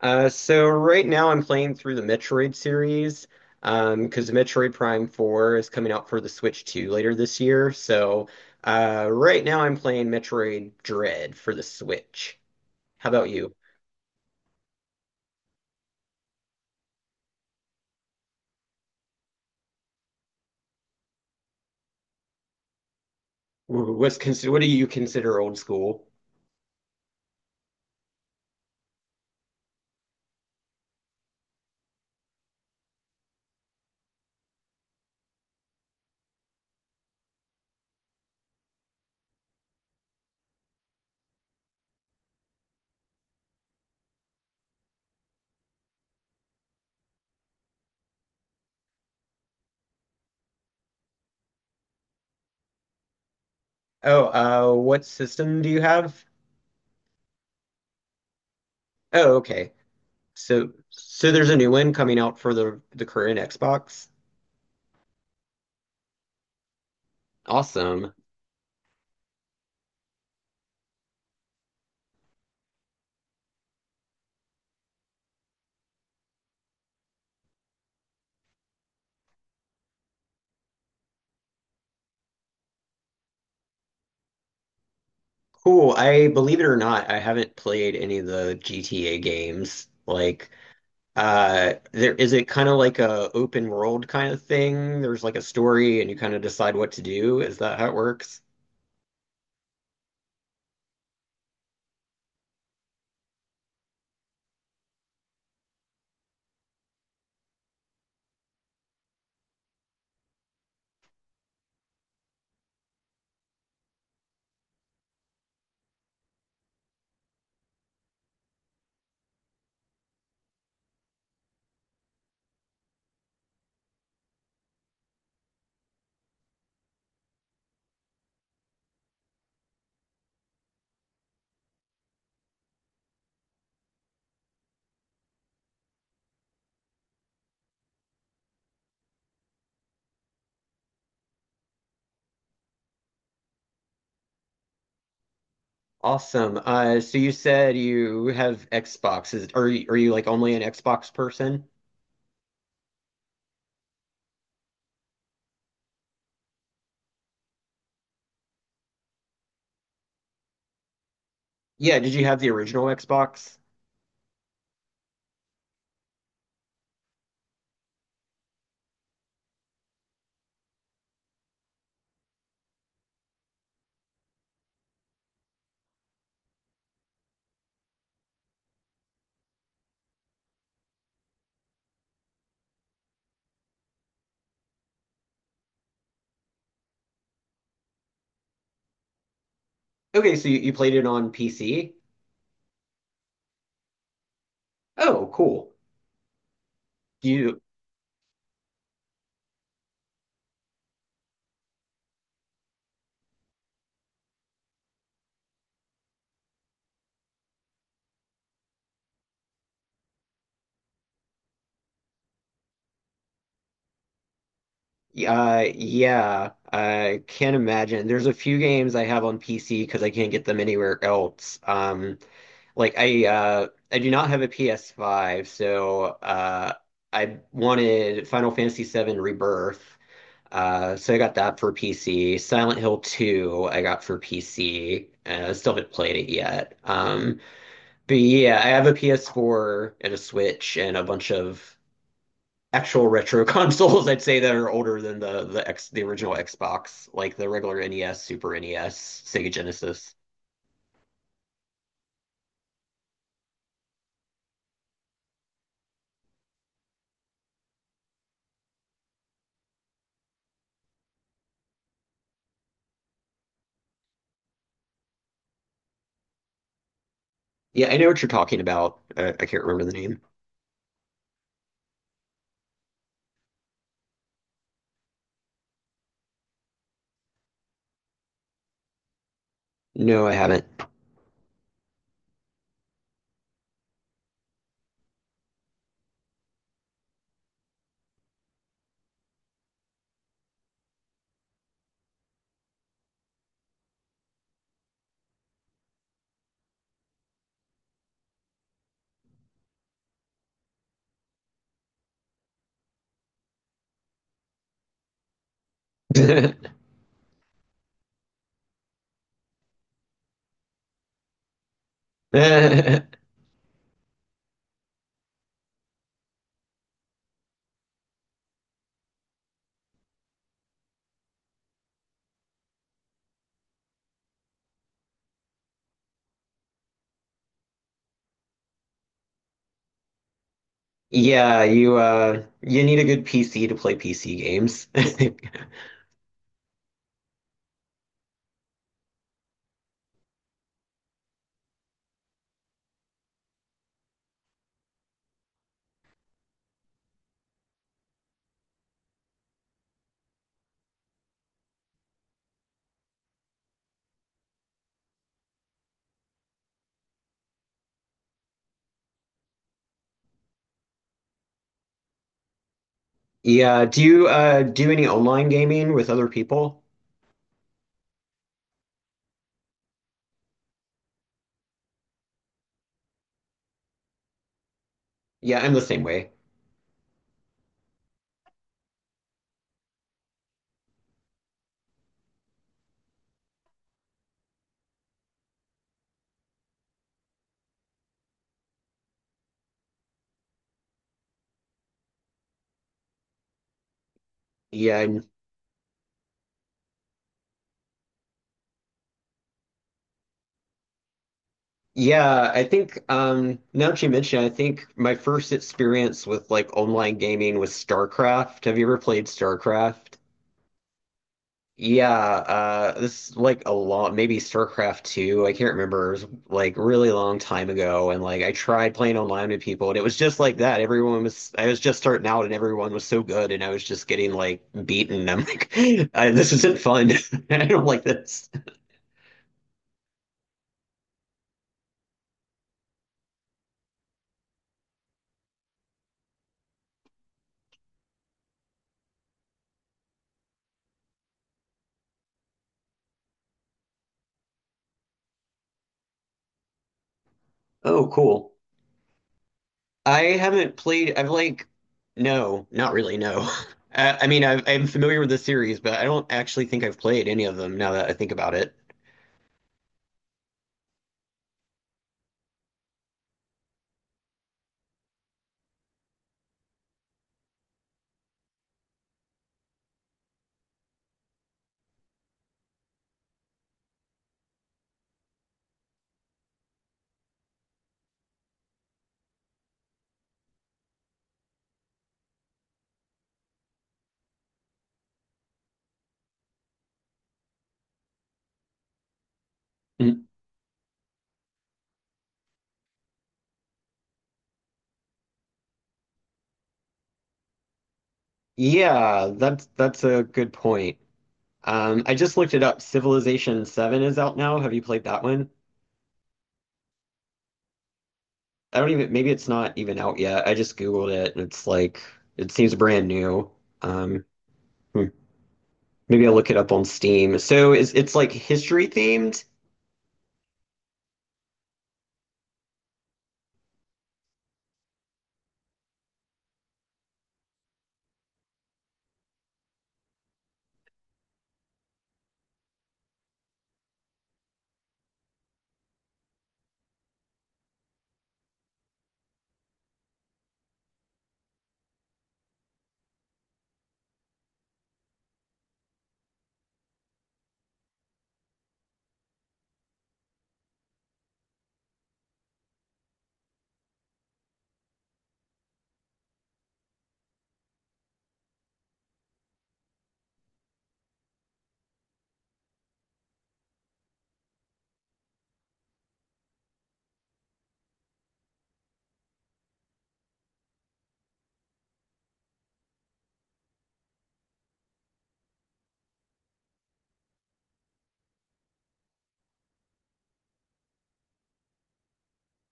So right now I'm playing through the Metroid series, because Metroid Prime 4 is coming out for the Switch 2 later this year. So, right now I'm playing Metroid Dread for the Switch. How about you? What do you consider old school? Oh, what system do you have? Oh, okay. So there's a new one coming out for the current Xbox. Awesome. Cool. I believe it or not, I haven't played any of the GTA games. Like, uh, there is it kind of like a open world kind of thing? There's like a story and you kind of decide what to do. Is that how it works? Awesome. So you said you have Xboxes. Are you like only an Xbox person? Yeah, did you have the original Xbox? Okay, so you played it on PC? Oh, cool. Do you, uh, yeah, I can't imagine. There's a few games I have on PC because I can't get them anywhere else. Like I, uh, I do not have a PS5, so, uh, I wanted Final Fantasy VII Rebirth. Uh, so I got that for PC. Silent Hill 2 I got for PC, and I still haven't played it yet. Um, but yeah, I have a PS4 and a Switch and a bunch of actual retro consoles I'd say that are older than the original Xbox, like the regular NES, Super NES, Sega Genesis. Yeah, I know what you're talking about. I can't remember the name. No, I haven't. Yeah, you, uh, you need a good PC to play PC games. Yeah, do you, uh, do any online gaming with other people? Yeah, I'm the same way. Yeah, I'm, yeah, I think, um, now that you mention, it, I think my first experience with like online gaming was StarCraft. Have you ever played StarCraft? Yeah, this is like a lot, maybe StarCraft 2. I can't remember. It was like really long time ago, and like I tried playing online with people, and it was just like that. Everyone was, I was just starting out, and everyone was so good, and I was just getting like beaten. I'm like, I, this isn't fun. I don't like this. Oh, cool. I haven't played. I've like, no, not really. No, I mean, I'm familiar with the series, but I don't actually think I've played any of them now that I think about it. Mm. Yeah, that's a good point. I just looked it up. Civilization 7 is out now. Have you played that one? I don't even, maybe it's not even out yet. I just Googled it and it's like, it seems brand new. Um, hmm, maybe I'll look it up on Steam. So is it's like history themed?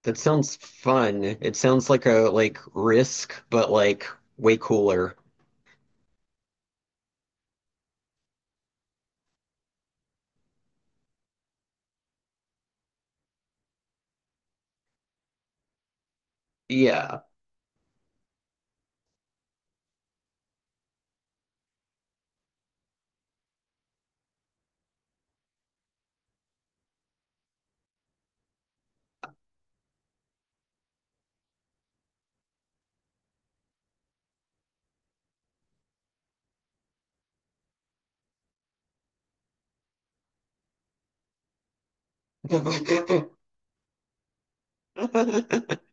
That sounds fun. It sounds like a like Risk, but like way cooler. Yeah.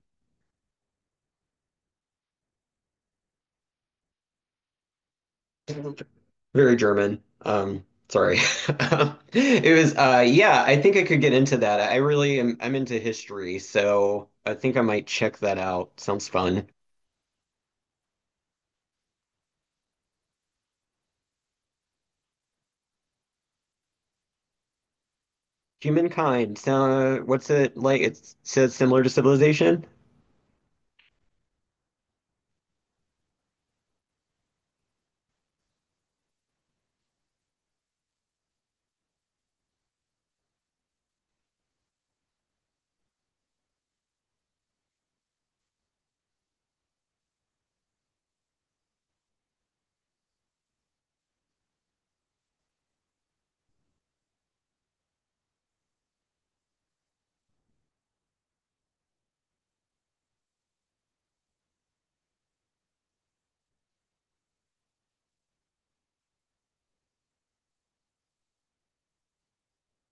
Very German. Sorry. It was, uh, yeah, I think I could get into that. I really am I'm into history, so I think I might check that out. Sounds fun. Humankind. Sound, what's it like? It says similar to civilization?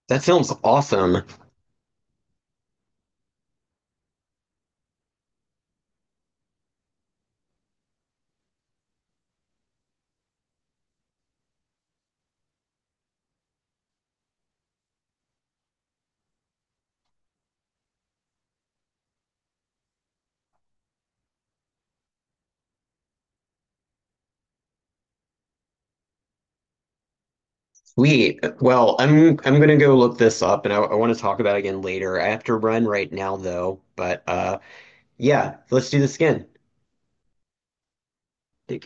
That sounds awesome. Sweet. Well, I'm gonna go look this up, and I want to talk about it again later. I have to run right now though, but, uh, yeah, let's do the skin. Take